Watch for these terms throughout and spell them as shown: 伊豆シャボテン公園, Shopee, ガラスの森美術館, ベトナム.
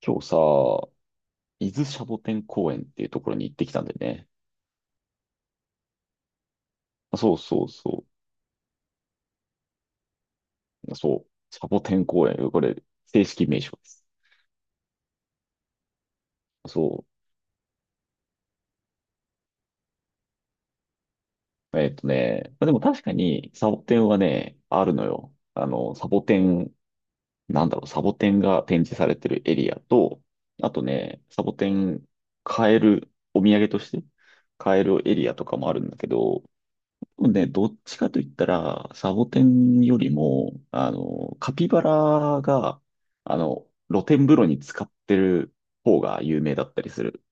今日さ、伊豆シャボテン公園っていうところに行ってきたんでね。そうそう。そう。シャボテン公園。これ、正式名称です。そう。まあでも確かに、サボテンはね、あるのよ。サボテン、サボテンが展示されてるエリアと、あとね、サボテン買える、お土産として買えるエリアとかもあるんだけど、ね、どっちかと言ったら、サボテンよりも、カピバラが、露天風呂に使ってる方が有名だったりする。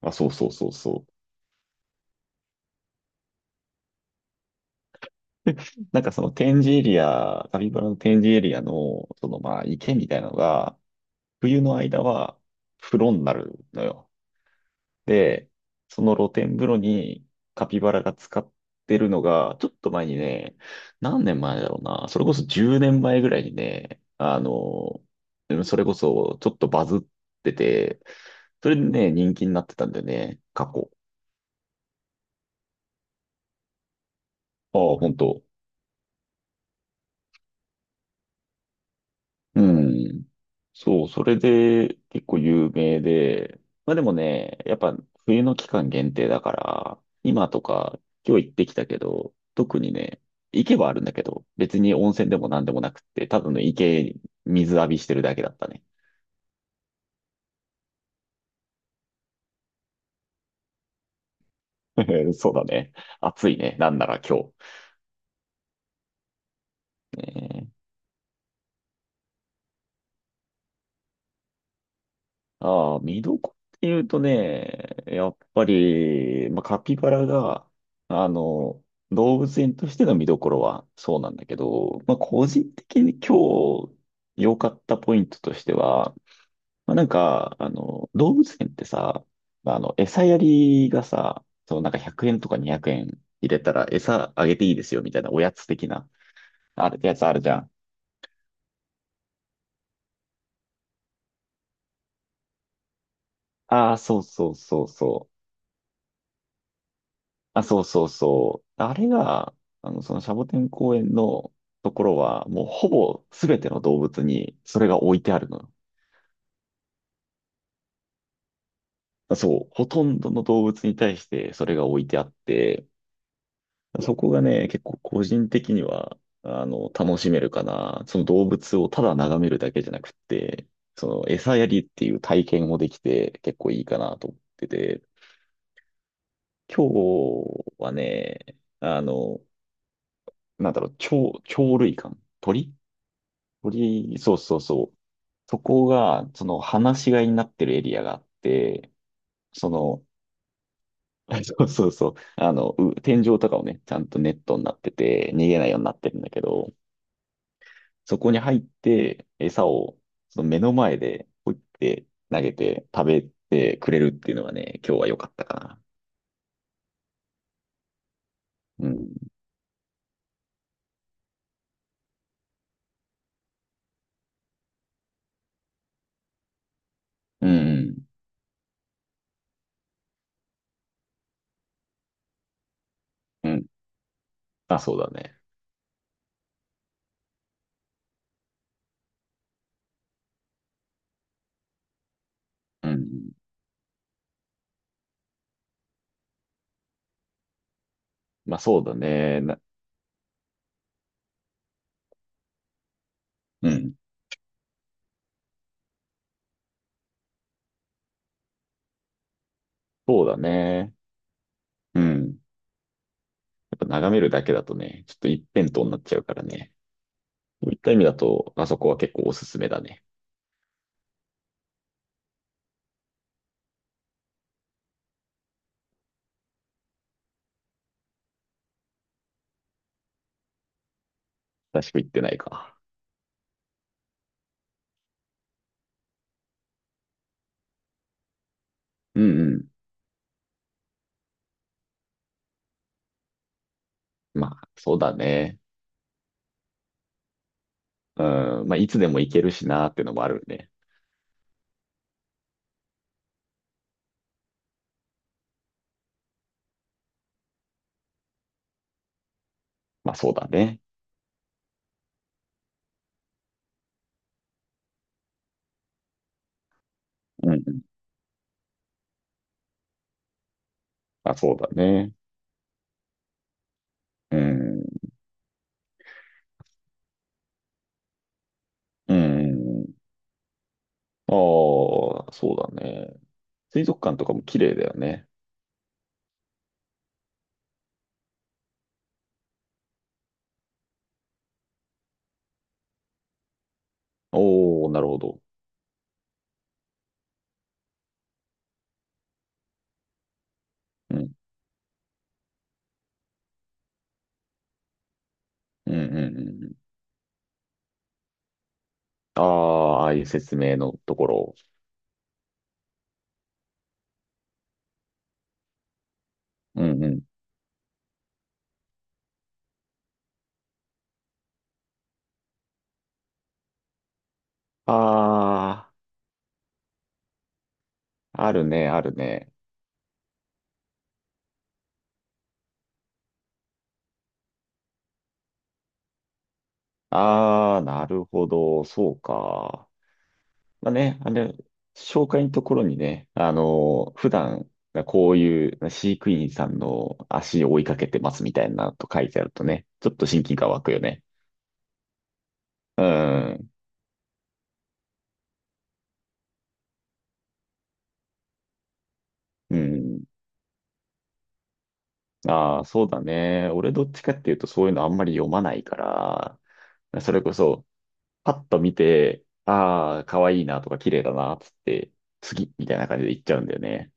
あ、そうそう。なんかその展示エリア、カピバラの展示エリアの、そのまあ池みたいなのが、冬の間は風呂になるのよ。で、その露天風呂にカピバラが使ってるのが、ちょっと前にね、何年前だろうな、それこそ10年前ぐらいにね、それこそちょっとバズってて、それでね、人気になってたんだよね、過去。ああ、本当。うん。そう、それで結構有名で、まあでもね、やっぱ冬の期間限定だから、今とか今日行ってきたけど、特にね、池はあるんだけど、別に温泉でも何でもなくって、ただの池に水浴びしてるだけだったね。そうだね。暑いね。なんなら今日。ね。ああ、見どころっていうとね、やっぱり、まあ、カピバラが、あの、動物園としての見どころはそうなんだけど、まあ、個人的に今日良かったポイントとしては、まあ、動物園ってさ、餌やりがさ、そう、なんか100円とか200円入れたら餌あげていいですよみたいなおやつ的な、あれ、やつあるじゃん。ああ、そうそう。あ、そうそう。あれが、そのシャボテン公園のところは、もうほぼ全ての動物にそれが置いてあるのよ。そう、ほとんどの動物に対してそれが置いてあって、そこがね、結構個人的には、楽しめるかな。その動物をただ眺めるだけじゃなくって、その餌やりっていう体験もできて結構いいかなと思ってて、今日はね、あの、鳥類館、鳥、そうそうそう。そこが、その、放し飼いになってるエリアがあって、その、そうそう。あの、天井とかをね、ちゃんとネットになってて、逃げないようになってるんだけど、そこに入って、餌を、その目の前で、ポイって投げて、食べてくれるっていうのがね、今日は良かったかな。うん。うん。うん。あ、そうだね。うん。まあ、そうだね。な、うん。そうだね。うん。やっぱ眺めるだけだとね、ちょっと一辺倒になっちゃうからね。そういった意味だと、あそこは結構おすすめだね。確か行ってないか。うんうん。まあ、そうだね。うん。まあ、いつでも行けるしなーってのもあるね。まあ、そうだね。うんうん。まあ、そうだね。うん。うん。ああ、そうだね。水族館とかも綺麗だよね。おお、なるほど。うん。うんうん。ああ、ああいう説明のところ。うんうん。ああ、あるね、あるね。ああ、なるほど。そうか。まあね、あれ、紹介のところにね、普段、こういう飼育員さんの足を追いかけてますみたいなと書いてあるとね、ちょっと親近感湧くよね。うん。うん。ああ、そうだね。俺どっちかっていうとそういうのあんまり読まないから、それこそ、パッと見て、ああ、可愛いなとか綺麗だな、つって、次みたいな感じで行っちゃうんだよね。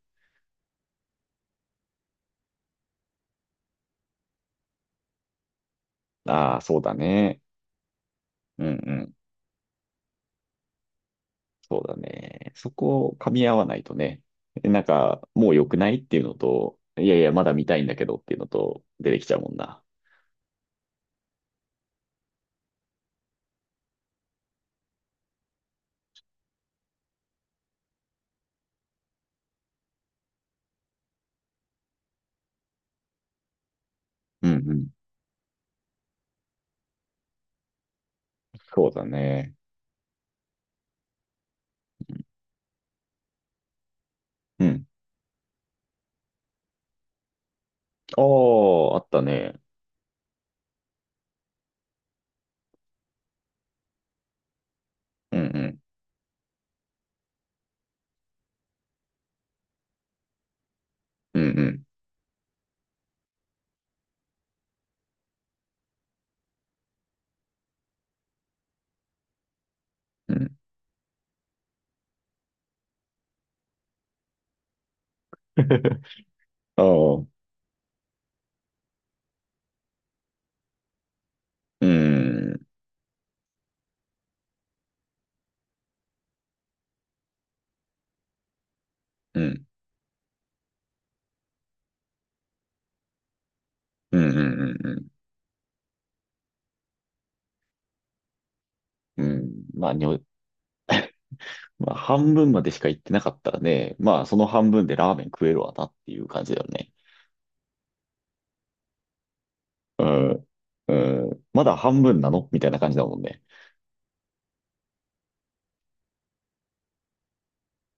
ああ、そうだね。うんうん。そうだね。そこを噛み合わないとね、なんか、もう良くないっていうのと、いやいや、まだ見たいんだけどっていうのと、出てきちゃうもんな。うんうん。そうだね。うん。ああ、あったね。うんうん。うんうん。うん。ああ、うん。うん。うんうん。うん。まあ、にょ、まあ、半分までしか行ってなかったらね、まあ、その半分でラーメン食えるわなっていう感じだよね。うん。うん。まだ半分なのみたいな感じだもんね。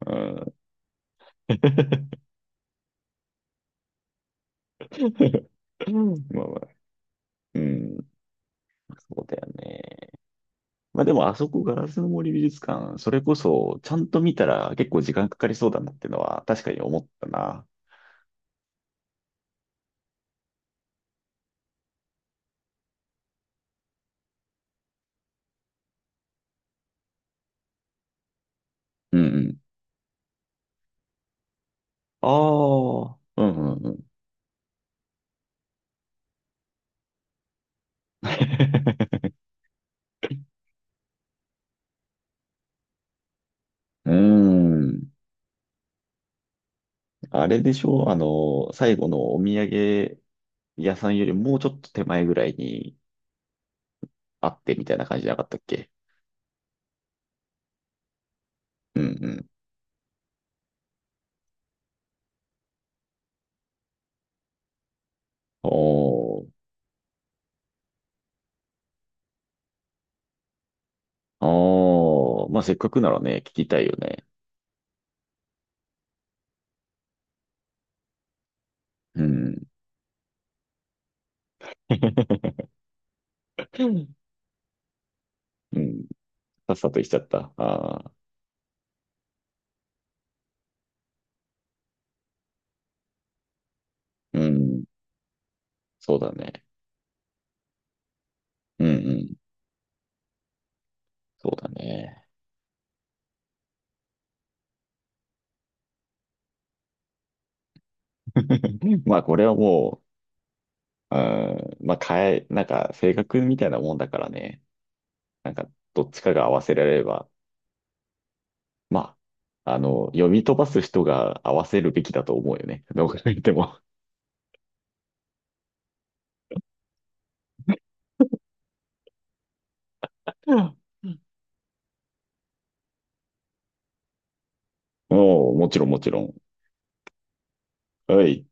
うん。うんまあまあ、うん、そうだよね。まあでも、あそこ、ガラスの森美術館、それこそ、ちゃんと見たら結構時間かかりそうだなってのは、確かに思ったな。うんうん。ああ、うんうんうん。うーん。あれでしょあの、最後のお土産屋さんよりもうちょっと手前ぐらいにあってみたいな感じじゃなかったっけ。うんうん。おー、おー、まあせっかくならね、聞きたいよね。うん。うん。さっさと行っちゃった。ああ、うん、そうだね。うんうん、そうだね。まあ、これはもう、うん、まあ、変え、なんか、性格みたいなもんだからね。なんか、どっちかが合わせられれば、まあ、読み飛ばす人が合わせるべきだと思うよね。どう考えても。うん。もう、もちろん、もちろん。はい。